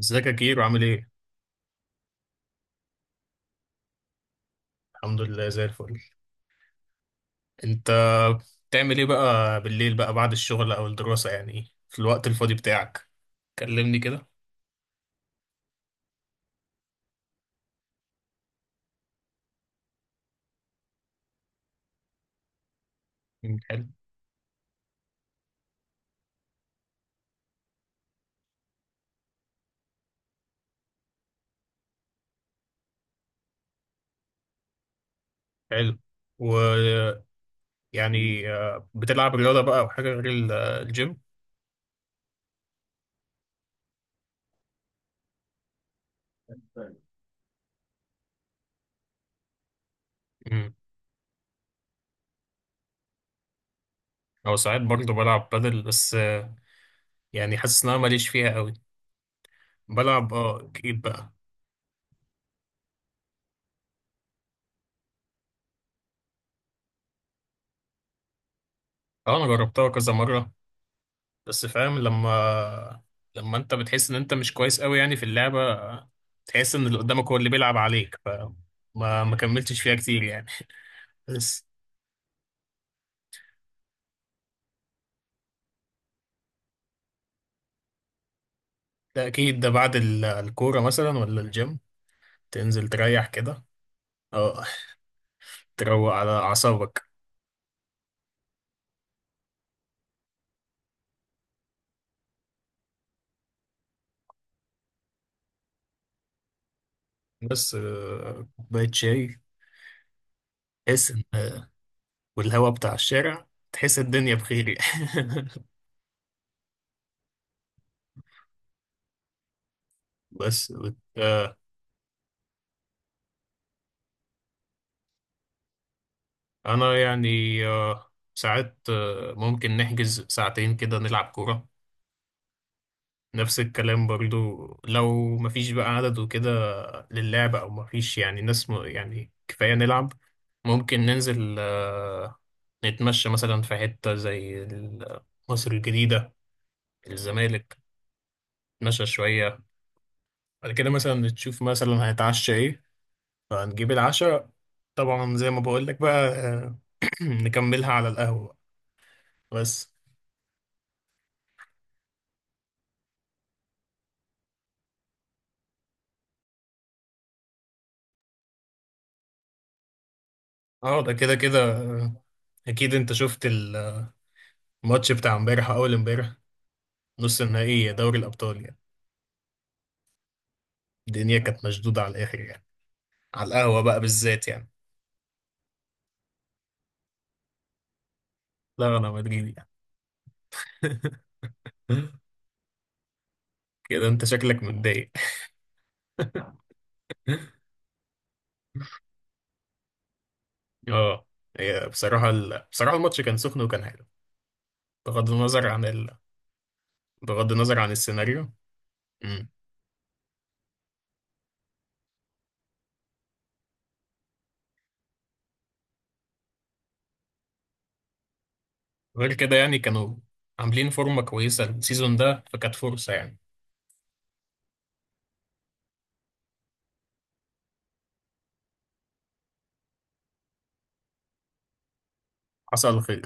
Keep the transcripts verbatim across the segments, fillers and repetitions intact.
ازيك يا كيرو؟ عامل ايه؟ الحمد لله، زي الفل. انت بتعمل ايه بقى بالليل بقى بعد الشغل او الدراسة، يعني في الوقت الفاضي بتاعك؟ كلمني كده. مم، حلو. حلو. و يعني آه، بتلعب رياضة بقى او حاجة غير ال- آه، الجيم؟ امم او ساعات برضه بلعب بدل، بس آه، يعني حاسس ان انا ماليش فيها قوي. بلعب اه اكيد بقى. اه انا جربتها كذا مرة، بس فاهم لما لما انت بتحس ان انت مش كويس قوي يعني في اللعبة، تحس ان اللي قدامك هو اللي بيلعب عليك، فما ما كملتش فيها كتير يعني. بس ده اكيد، ده بعد ال- الكورة مثلا ولا الجيم؟ تنزل تريح كده. اه، تروق على اعصابك. بس آه، كوباية شاي، تحس ان آه، والهوا بتاع الشارع، تحس الدنيا بخير يعني. بس بت- آه، انا يعني، آه، ساعات آه، ممكن نحجز ساعتين كده نلعب كورة. نفس الكلام برضو، لو مفيش بقى عدد وكده للعب، او مفيش يعني ناس م... يعني كفاية نلعب. ممكن ننزل آه، نتمشى مثلا في حتة زي ال- مصر الجديدة، الزمالك، نتمشى شوية. بعد كده مثلا نشوف مثلا هنتعشى ايه، فهنجيب العشاء. طبعا زي ما بقولك بقى، آه، نكملها على القهوة. بس. اه ده كده كده، آه، اكيد انت شفت الماتش بتاع امبارح أو اول امبارح، نص النهائي دوري الأبطال يعني. الدنيا كانت مشدودة على الآخر يعني، على القهوة بقى بالذات يعني. لا، أنا مدريدي يعني. كده أنت شكلك متضايق. اه، هي بصراحة ال... بصراحة الماتش كان سخن وكان حلو. بغض النظر عن ال... بغض النظر عن السيناريو. مم. غير كده يعني، كانوا عاملين فورمة كويسة السيزون ده، فكانت فرصة يعني. حصل خير.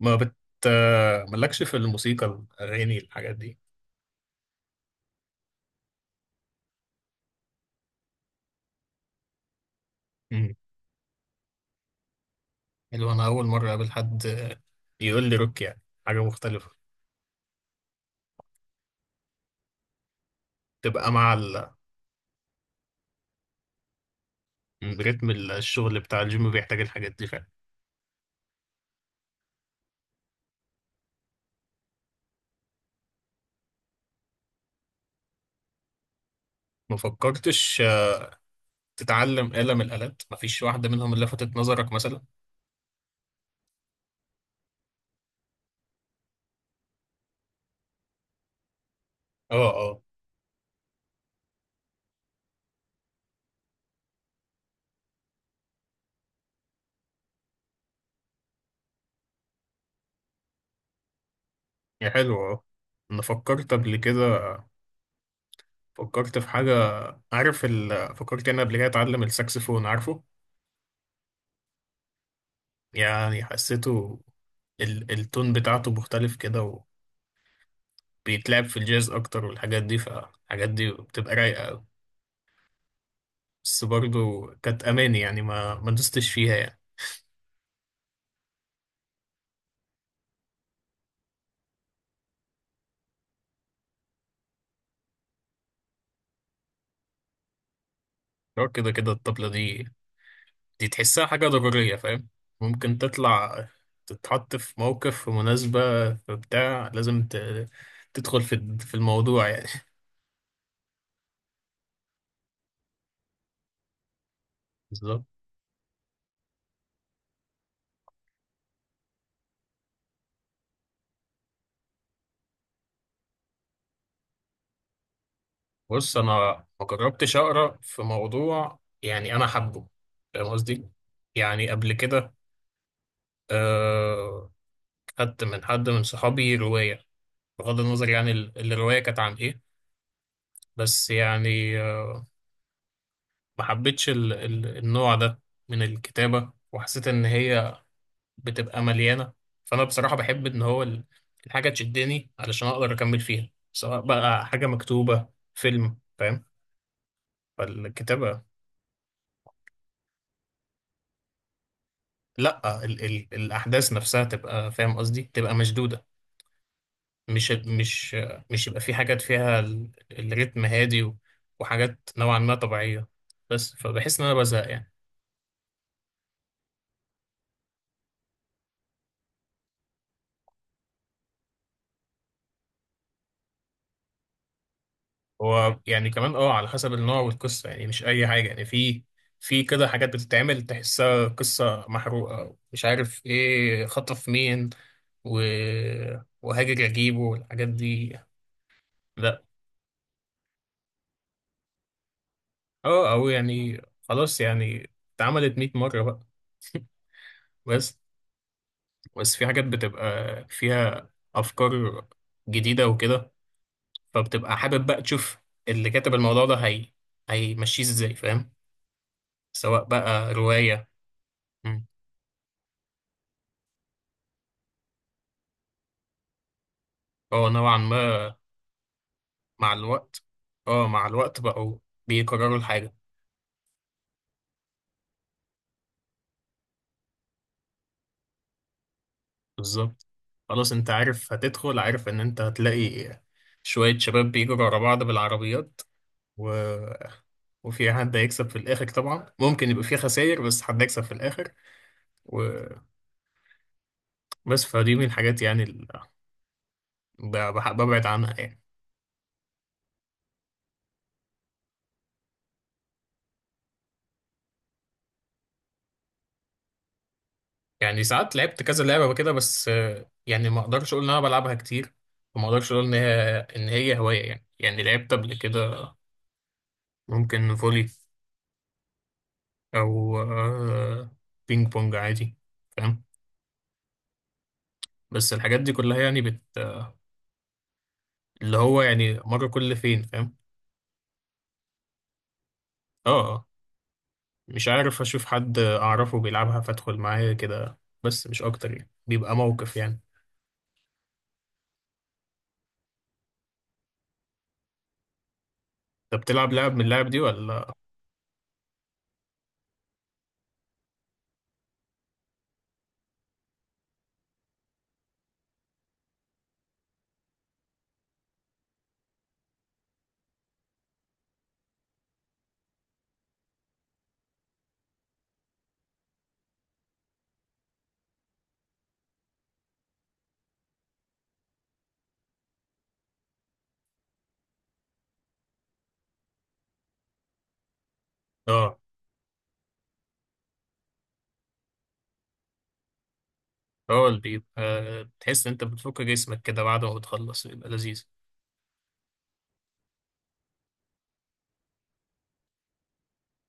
ما بت مالكش في الموسيقى، الأغاني، الحاجات دي؟ حلو، انا اول مره اقابل حد يقول لي روك يعني، حاجه مختلفه. تبقى مع ال- رتم الشغل بتاع الجيم بيحتاج الحاجات دي فعلا. ما فكرتش تتعلم آلة من الآلات؟ مفيش واحدة منهم اللي لفتت نظرك مثلا؟ اه اه. يا حلو، اه. انا فكرت قبل كده، فكرت في حاجة. عارف ال... فكرت انا قبل كده اتعلم الساكسفون، عارفه؟ يعني حسيته، ال... التون بتاعته مختلف كده. وبيتلعب في الجاز اكتر والحاجات دي، فالحاجات دي بتبقى رايقة أوي. بس برضو كانت أماني يعني، ما ما دوستش فيها يعني. هو كده كده الطبلة دي، دي تحسها حاجة ضرورية، فاهم؟ ممكن تطلع، تتحط في موقف، في مناسبة، في بتاع، لازم ت... تدخل في في الموضوع يعني. بالظبط. بص أنا ما جربتش أقرأ في موضوع يعني أنا حابه، فاهم قصدي؟ يعني قبل كده آه، خدت من حد من صحابي رواية، بغض النظر يعني ال- الرواية كانت عن إيه، بس يعني ما حبيتش ال- ال- النوع ده من الكتابة. وحسيت إن هي بتبقى مليانة. فأنا بصراحة بحب إن هو ال- الحاجة تشدني علشان أقدر أكمل فيها، سواء بقى حاجة مكتوبة، فيلم، فاهم؟ فالكتابة، لأ، ال ال الأحداث نفسها تبقى، فاهم قصدي، تبقى مشدودة. مش مش مش يبقى في حاجات فيها ال- الريتم هادي و- وحاجات نوعا ما طبيعية، بس فبحس إن أنا بزهق يعني. هو يعني كمان اه، على حسب النوع والقصة يعني، مش أي حاجة يعني. في في كده حاجات بتتعمل تحسها قصة محروقة، مش عارف ايه، خطف مين و... وهاجر أجيبه والحاجات دي، لأ. اه، أو يعني خلاص يعني، اتعملت مية مرة بقى. بس، بس في حاجات بتبقى فيها أفكار جديدة وكده، فبتبقى حابب بقى تشوف اللي كاتب الموضوع ده هي هيمشيه ازاي، فاهم؟ سواء بقى رواية. مم. هو نوعا ما مع الوقت، اه مع الوقت بقوا بيكرروا الحاجة. بالظبط. خلاص انت عارف هتدخل، عارف ان انت هتلاقي شوية شباب بيجروا ورا بعض بالعربيات و... وفي حد هيكسب في الآخر، طبعا ممكن يبقى في خسائر بس حد هيكسب في الآخر. وبس. فدي من الحاجات يعني ال... ب... بح- ببعد عنها يعني. يعني ساعات لعبت كذا لعبة كده، بس آه، يعني ما اقدرش اقول ان انا بلعبها كتير، وما اقدرش اقول ان هي ان هي هواية يعني. يعني لعبت قبل كده ممكن فولي او آه، بينج بونج عادي، فاهم؟ بس الحاجات دي كلها يعني بت اللي هو يعني مرة كل فين، فاهم؟ اه اه. مش عارف، اشوف حد اعرفه بيلعبها فادخل معاه كده، بس مش اكتر يعني، بيبقى موقف يعني. انت بتلعب لعب من اللعب دي ولا؟ اه، اه اللي بيبقى تحس إن انت بتفك جسمك كده بعد ما بتخلص، يبقى لذيذ.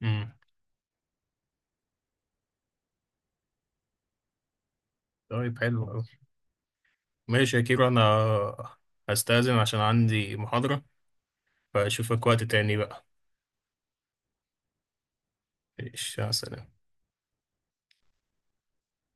امم. طيب، حلو قوي. ماشي يا كيرو، انا هستأذن عشان عندي محاضرة. فاشوفك وقت تاني بقى. ماشي، يا سلام.